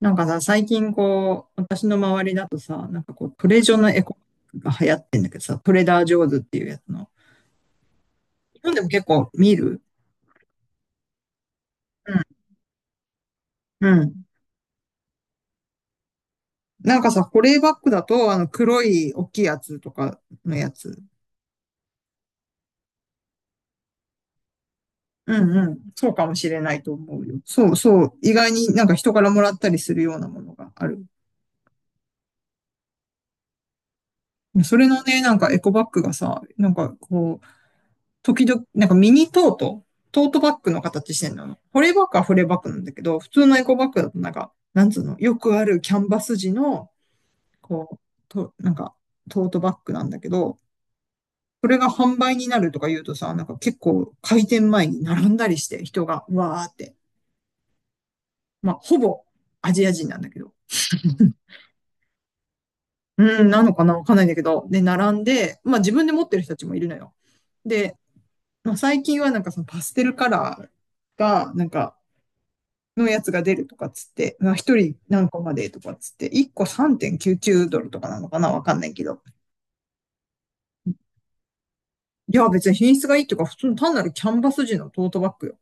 なんかさ、最近こう、私の周りだとさ、トレジョのエコバッグが流行ってんだけどさ、トレーダージョーズっていうやつの。日本でも結構見る。うん。うん。なんかさ、保冷バッグだと、黒い大きいやつとかのやつ。うんうん。そうかもしれないと思うよ。そうそう。意外になんか人からもらったりするようなものがある。それのね、なんかエコバッグがさ、時々、なんかミニトート、トートバッグの形してんの。保冷バッグは保冷バッグなんだけど、普通のエコバッグだとなんか、なんつうの、よくあるキャンバス地の、こう、と、なんか、トートバッグなんだけど、それが販売になるとか言うとさ、なんか結構開店前に並んだりして人がわーって。まあ、ほぼアジア人なんだけど。うん、なのかなわかんないんだけど。で、並んで、まあ自分で持ってる人たちもいるのよ。で、まあ、最近はなんかそのパステルカラーが、なんかのやつが出るとかっつって、まあ、一人何個までとかっつって、一個3.99ドルとかなのかなわかんないけど。いや、別に品質がいいとか、普通の単なるキャンバス地のトートバッグよ。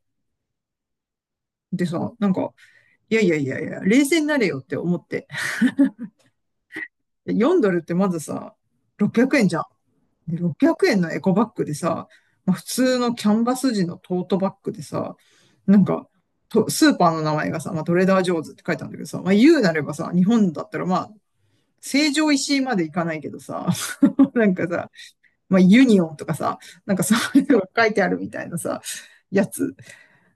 でさ、なんか、いやいやいやいや、冷静になれよって思って。4ドルってまずさ、600円じゃん。で、600円のエコバッグでさ、まあ、普通のキャンバス地のトートバッグでさ、なんか、とスーパーの名前がさ、まあ、トレーダー・ジョーズって書いてあるんだけどさ、まあ、言うなればさ、日本だったらまあ、成城石井まで行かないけどさ、なんかさ、まあ、ユニオンとかさ、なんかそういうのが書いてあるみたいなさ、やつ、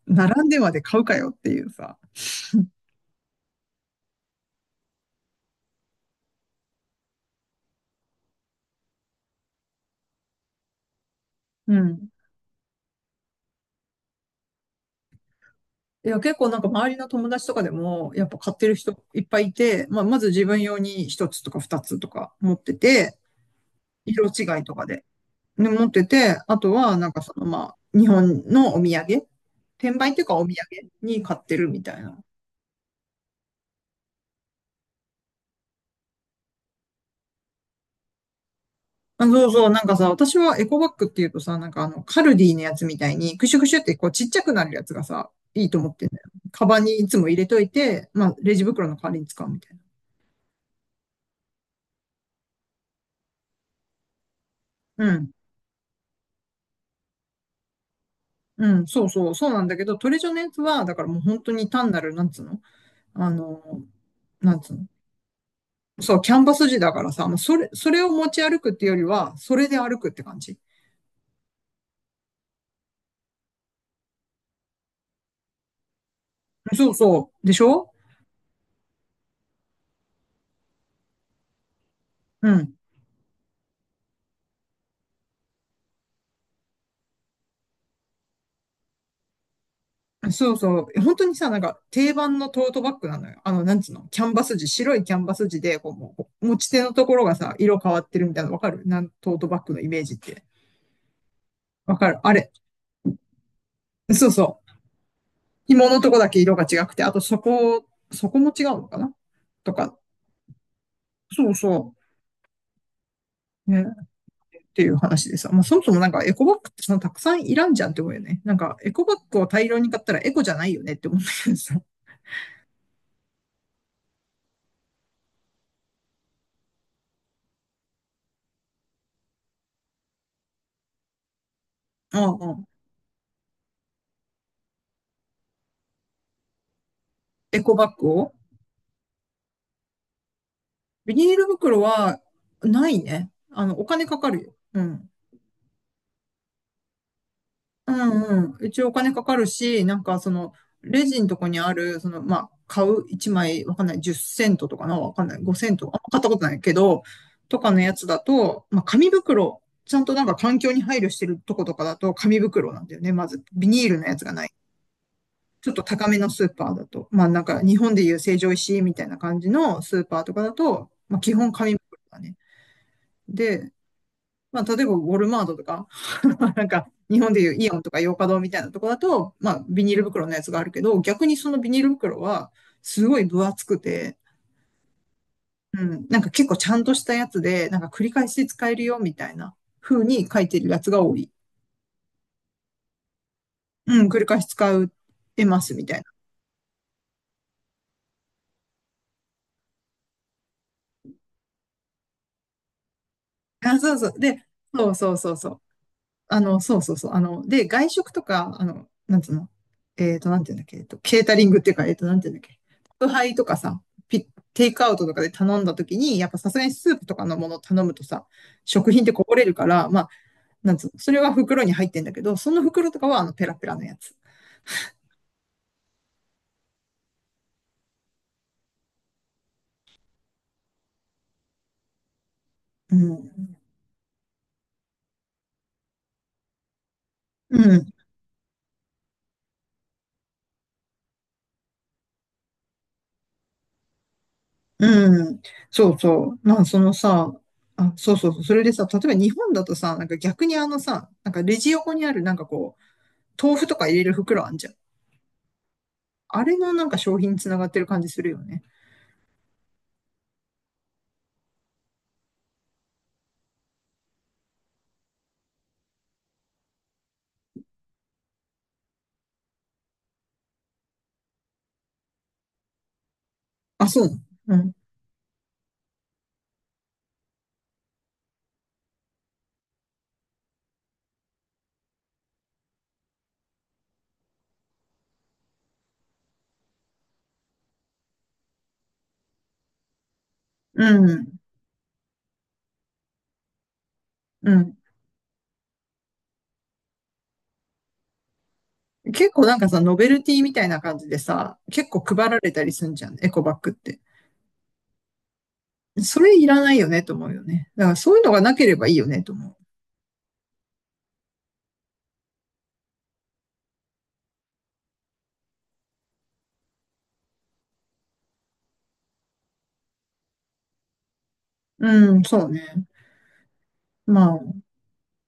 並んでまで買うかよっていうさ。うん。いや、結構なんか周りの友達とかでも、やっぱ買ってる人いっぱいいて、まあ、まず自分用に一つとか二つとか持ってて、色違いとかで。ね持ってて、あとはなんかそのまあ、日本のお土産、転売っていうかお土産に買ってるみたいな。あ、そうそう、なんかさ、私はエコバッグっていうとさ、カルディのやつみたいに、クシュクシュってこうちっちゃくなるやつがさ、いいと思ってんだよ。カバンにいつも入れといて、まあ、レジ袋の代わりに使うみたいな。うん。うん、そうそう、そうなんだけど、トレジョのやつは、だからもう本当に単なる、なんつうの、あの、なんつうの、そう、キャンバス地だからさ、もうそれ、それを持ち歩くっていうよりは、それで歩くって感じ。そうそう、でしょ。うん。そうそう。本当にさ、なんか定番のトートバッグなのよ。あの、なんつうの、キャンバス地、白いキャンバス地で、こう、もう持ち手のところがさ、色変わってるみたいなのわかるなん、トートバッグのイメージって。わかるあれ。そうそう。紐のとこだけ色が違くて、あとそこ、そこも違うのかなとか。そうそう。ね。っていう話でさ。まあ、そもそもなんかエコバッグってそのたくさんいらんじゃんって思うよね。なんか、エコバッグを大量に買ったらエコじゃないよねって思うんだけどさ。うんうん。エコバッグを、ビニール袋はないね。あの、お金かかるよ。うん。うんうん。一応お金かかるし、なんかその、レジのとこにある、その、まあ、買う1枚、わかんない、10セントとかな、わかんない、5セント、あ、買ったことないけど、とかのやつだと、まあ、紙袋、ちゃんとなんか環境に配慮してるとことかだと紙袋なんだよね、まず。ビニールのやつがない。ちょっと高めのスーパーだと、まあなんか日本でいう成城石井みたいな感じのスーパーとかだと、まあ基本紙袋だね。で、まあ、例えば、ウォルマートとか、なんか、日本でいうイオンとかヨーカドーみたいなとこだと、まあ、ビニール袋のやつがあるけど、逆にそのビニール袋は、すごい分厚くて、うん、なんか結構ちゃんとしたやつで、なんか繰り返し使えるよ、みたいな風に書いてるやつが多い。うん、繰り返し使えます、みたいな。あ、そうそう。で、そうそうそうそう。あの、そうそうそう。あの、で、外食とか、なんつうの、なんていうんだっけ、ケータリングっていうか、なんていうんだっけ、宅配とかさ、ピ、テイクアウトとかで頼んだ時に、やっぱさすがにスープとかのものを頼むとさ、食品ってこぼれるから、まあ、なんつうの、それは袋に入ってんだけど、その袋とかはあの、ペラペラのやつ。うん。うん。うん。そうそう。まあ、そのさ、あ、そうそうそう。それでさ、例えば日本だとさ、なんか逆にあのさ、なんかレジ横にあるなんかこう、豆腐とか入れる袋あんじゃん。あれのなんか商品につながってる感じするよね。あ、そう。うん。うん。うん。結構なんかさ、ノベルティみたいな感じでさ、結構配られたりすんじゃん、エコバッグって。それいらないよねと思うよね。だからそういうのがなければいいよねと思う。うん、そうね。まあ、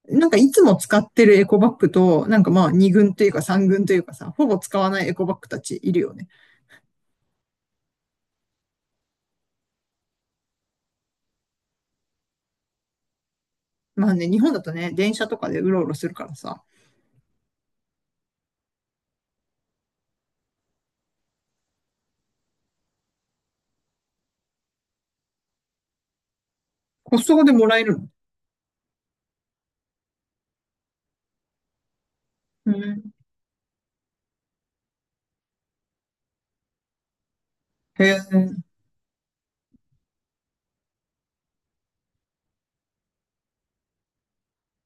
なんかいつも使ってるエコバッグと、なんかまあ2軍というか3軍というかさ、ほぼ使わないエコバッグたちいるよね。まあね、日本だとね、電車とかでうろうろするからさ、コストコでもらえるの。うん。へえ。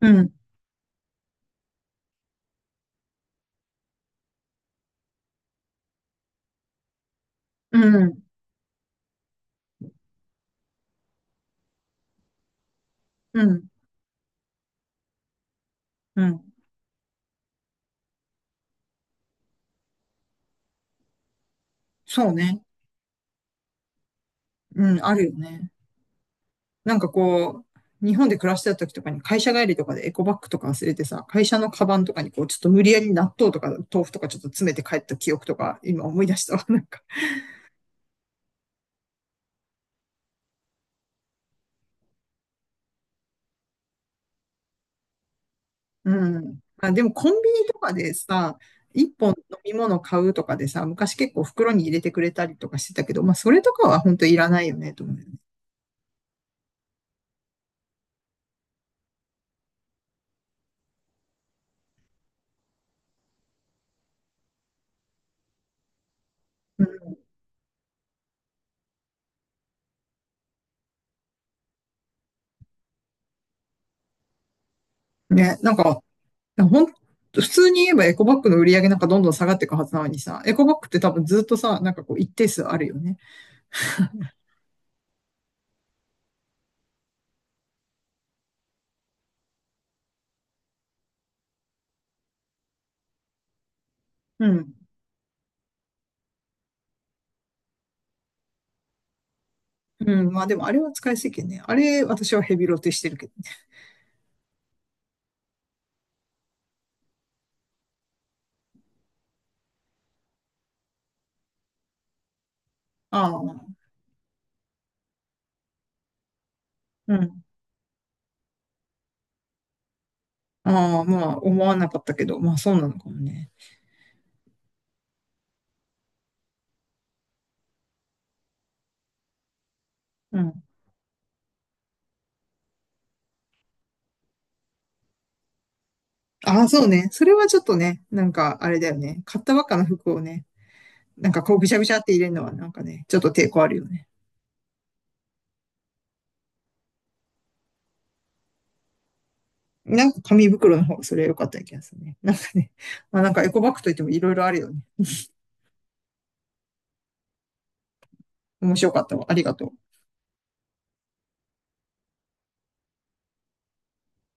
うん。うん。うん。うん。そうね。うん、あるよね。なんかこう、日本で暮らしてた時とかに会社帰りとかでエコバッグとか忘れてさ、会社のカバンとかにこう、ちょっと無理やり納豆とか豆腐とかちょっと詰めて帰った記憶とか、今思い出したわ、なんか。うん。あ、でもコンビニとかでさ、一本飲み物買うとかでさ、昔結構袋に入れてくれたりとかしてたけど、まあそれとかは本当いらないよね、と思うよね。うん。ね、なんか、ほん、普通に言えばエコバッグの売り上げなんかどんどん下がっていくはずなのにさ、エコバッグって多分ずっとさ、なんかこう一定数あるよね。うん。うん。まあでもあれは使い捨てね。あれ私はヘビロテしてるけどね。ああ、うん。ああ、まあ思わなかったけど、まあそうなのかもね。うん。ああ、そうね。それはちょっとね、なんかあれだよね。買ったばっかの服をね、なんかこうぐちゃぐちゃって入れるのはなんかね、ちょっと抵抗あるよね。なんか紙袋の方がそれは良かった気がするね。なんかね、まあなんかエコバッグといってもいろいろあるよね。面白かったわ。ありがとう。